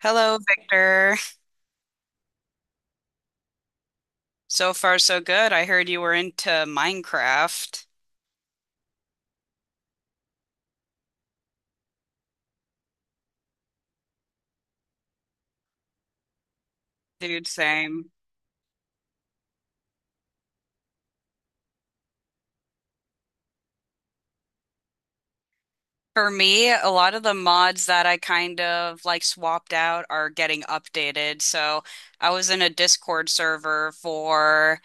Hello, Victor. So far, so good. I heard you were into Minecraft. Dude, same. For me, a lot of the mods that I kind of swapped out are getting updated. So I was in a Discord server for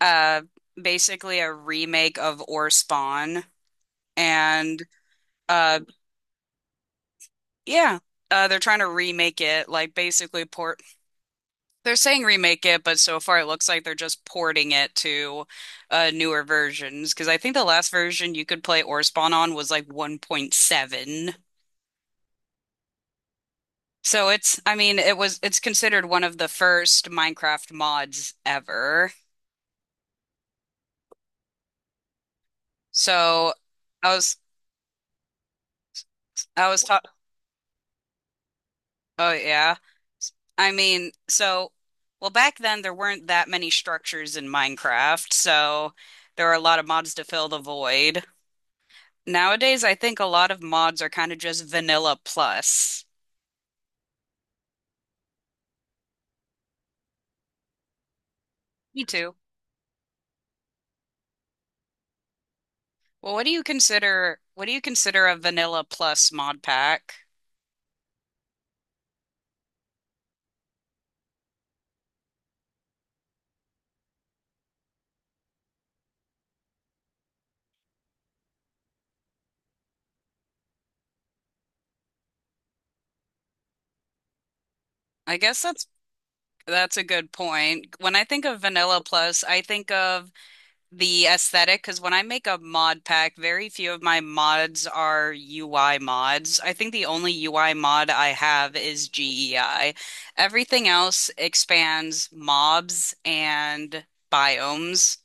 uh basically a remake of Ore Spawn. And uh yeah, they're trying to remake it, like basically port. They're saying remake it, but so far it looks like they're just porting it to newer versions. Because I think the last version you could play Orspawn on was like 1.7. So I mean, it's considered one of the first Minecraft mods ever. So I was, I was taught, oh yeah. I mean, well, back then there weren't that many structures in Minecraft, so there were a lot of mods to fill the void. Nowadays, I think a lot of mods are kind of just vanilla plus. Me too. Well, what do you consider a vanilla plus mod pack? I guess that's a good point. When I think of vanilla plus, I think of the aesthetic because when I make a mod pack, very few of my mods are UI mods. I think the only UI mod I have is GEI. Everything else expands mobs and biomes.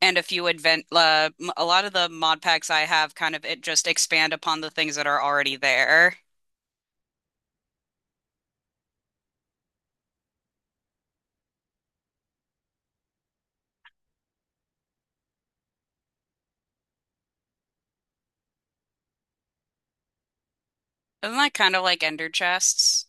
And a few advent m- a lot of the mod packs I have it just expand upon the things that are already there. Isn't that kind of like ender chests?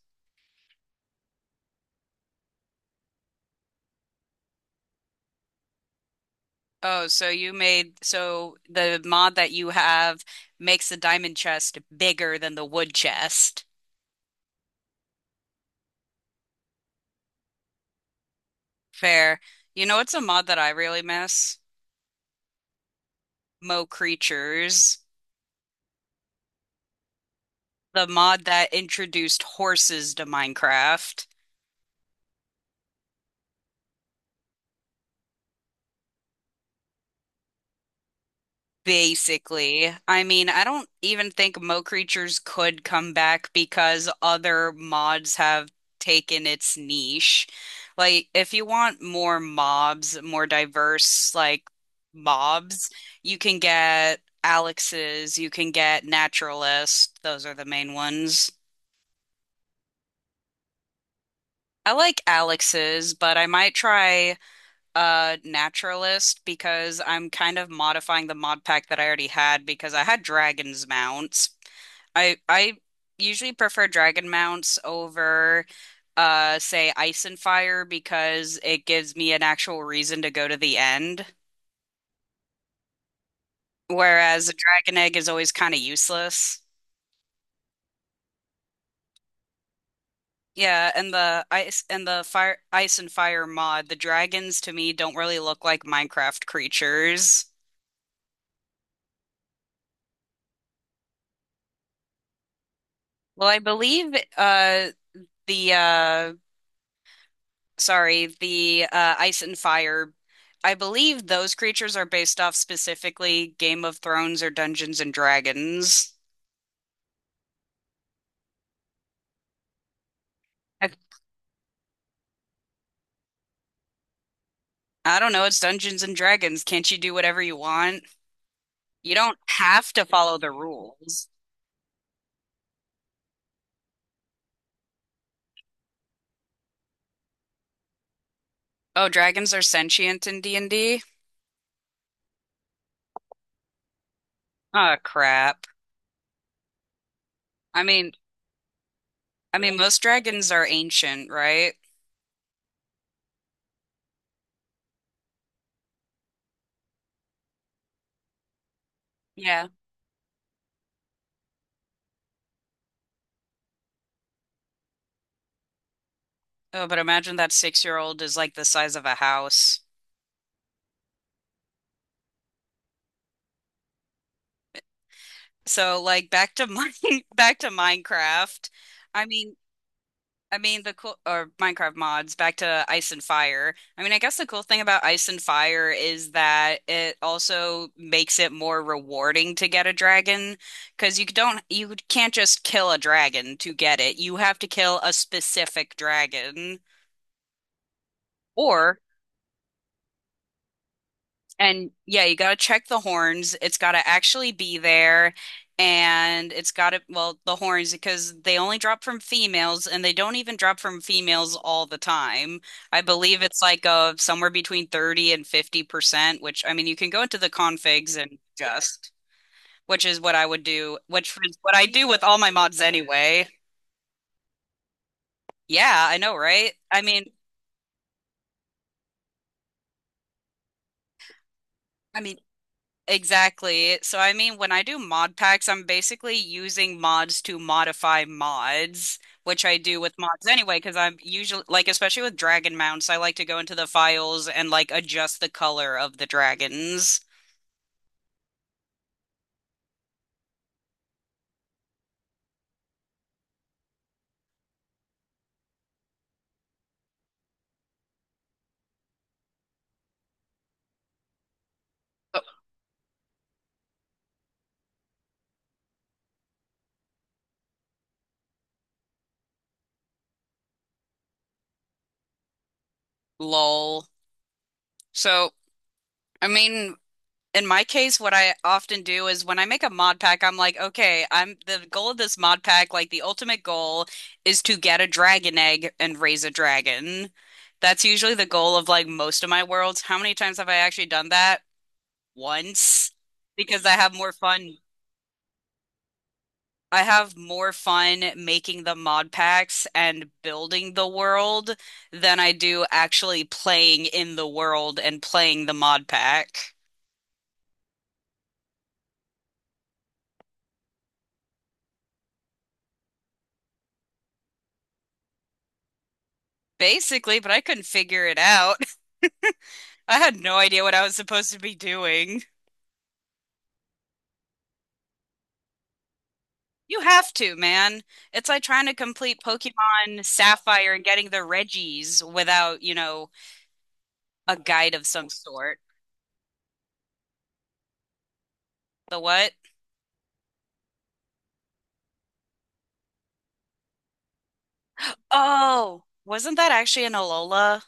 Oh, so you made so the mod that you have makes the diamond chest bigger than the wood chest. Fair. You know, it's a mod that I really miss? Mo Creatures, the mod that introduced horses to Minecraft. Basically, I mean, I don't even think Mo Creatures could come back because other mods have taken its niche. Like, if you want more mobs, more diverse, mobs, you can get Alex's, you can get Naturalist. Those are the main ones. I like Alex's, but I might try Naturalist because I'm kind of modifying the mod pack that I already had because I had Dragon's Mount. I usually prefer dragon mounts over say Ice and Fire because it gives me an actual reason to go to the end, whereas a dragon egg is always kind of useless. Yeah, and the ice and the fire Ice and Fire mod, the dragons to me don't really look like Minecraft creatures. Well, I believe the sorry, the Ice and Fire. I believe those creatures are based off specifically Game of Thrones or Dungeons and Dragons. I, I don't know, it's Dungeons and Dragons. Can't you do whatever you want? You don't have to follow the rules. Oh, dragons are sentient in D&D? Oh, crap. I mean, I mean, most dragons are ancient, right? Yeah. Oh, but imagine that six-year-old is like the size of a house. So, like, back to mine, back to Minecraft. I mean, I mean, the cool or Minecraft mods back to Ice and Fire. I mean, I guess the cool thing about Ice and Fire is that it also makes it more rewarding to get a dragon because you can't just kill a dragon to get it. You have to kill a specific dragon or. And yeah, you got to check the horns. It's got to actually be there. And well, the horns, because they only drop from females and they don't even drop from females all the time. I believe it's like somewhere between 30 and 50%, which I mean, you can go into the configs and adjust, which is what I would do, which is what I do with all my mods anyway. Yeah, I know, right? I mean, Exactly. So, I mean, when I do mod packs, I'm basically using mods to modify mods, which I do with mods anyway, because I'm usually, like, especially with dragon mounts, I like to go into the files and, like, adjust the color of the dragons. Lol. So, I mean, In my case, what I often do is when I make a mod pack, I'm like, okay, I'm the goal of this mod pack, like the ultimate goal is to get a dragon egg and raise a dragon. That's usually the goal of like most of my worlds. How many times have I actually done that? Once. Because I have more fun. I have more fun making the mod packs and building the world than I do actually playing in the world and playing the mod pack. Basically, but I couldn't figure it out. I had no idea what I was supposed to be doing. You have to, man. It's like trying to complete Pokemon Sapphire and getting the Reggies without, you know, a guide of some sort. The what? Oh, wasn't that actually an Alola?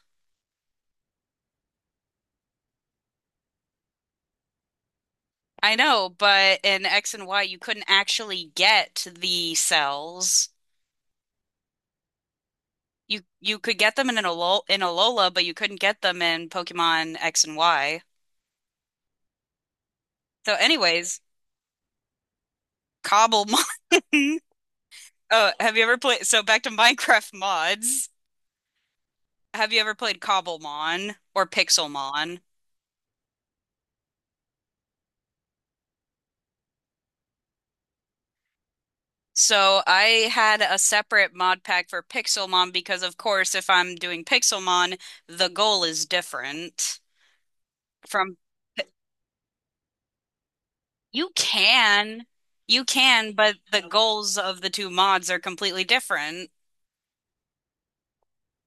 I know, but in X and Y, you couldn't actually get the cells. You could get them in an Alola, in Alola, but you couldn't get them in Pokemon X and Y. So, anyways, Cobblemon. Have you ever played? So back to Minecraft mods. Have you ever played Cobblemon or Pixelmon? So I had a separate mod pack for Pixelmon because, of course, if I'm doing Pixelmon, the goal is different from. you can, you can, but the goals of the two mods are completely different.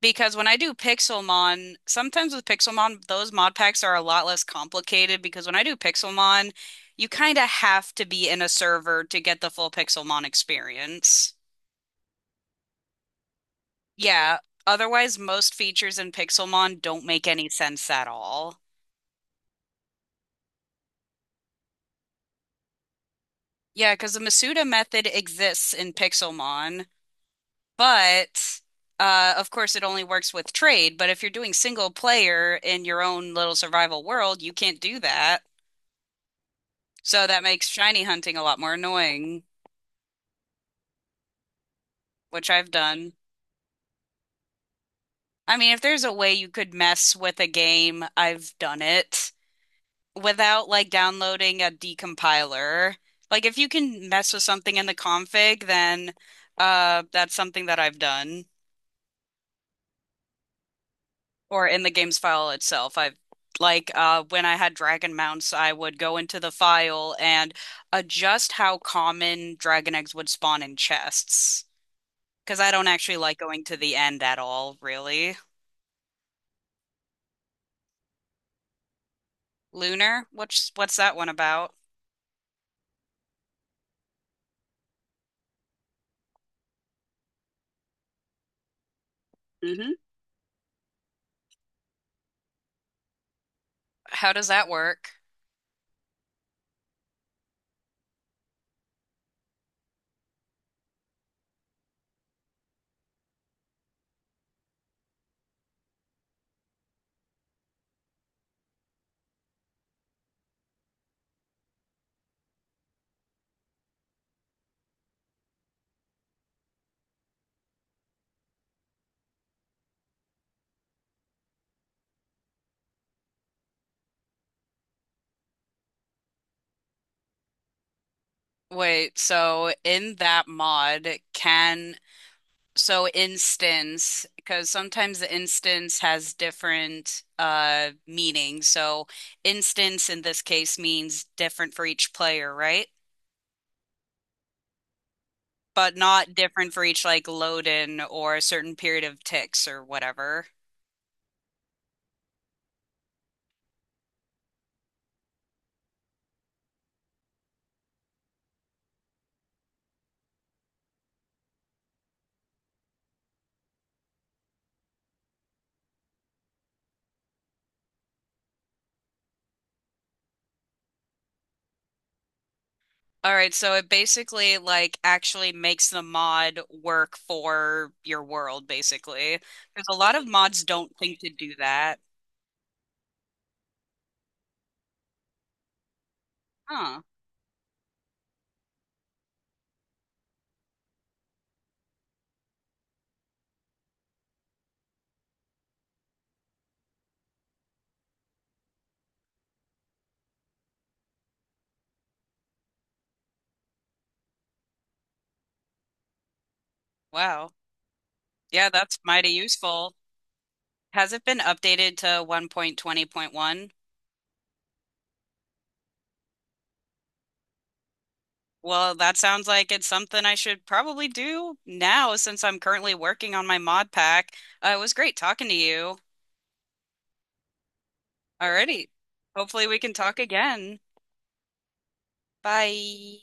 Because when I do Pixelmon, sometimes with Pixelmon, those mod packs are a lot less complicated because when I do Pixelmon, you kind of have to be in a server to get the full Pixelmon experience. Yeah, otherwise most features in Pixelmon don't make any sense at all. Yeah, because the Masuda method exists in Pixelmon, but of course it only works with trade. But if you're doing single player in your own little survival world, you can't do that. So that makes shiny hunting a lot more annoying, which I've done. I mean, if there's a way you could mess with a game, I've done it. Without like downloading a decompiler. Like if you can mess with something in the config, then that's something that I've done. Or in the game's file itself. I've like when I had dragon mounts, I would go into the file and adjust how common dragon eggs would spawn in chests. Because I don't actually like going to the end at all, really. Lunar? What's that one about? Hmm. How does that work? Wait, so in that mod, can. So instance, because sometimes the instance has different meanings. So instance in this case means different for each player, right? But not different for each like load-in or a certain period of ticks or whatever. All right, so it basically like actually makes the mod work for your world, basically. Because a lot of mods don't think to do that. Huh. Wow. Yeah, that's mighty useful. Has it been updated to 1.20.1? Well, that sounds like it's something I should probably do now since I'm currently working on my mod pack. It was great talking to you. Alrighty. Hopefully we can talk again. Bye.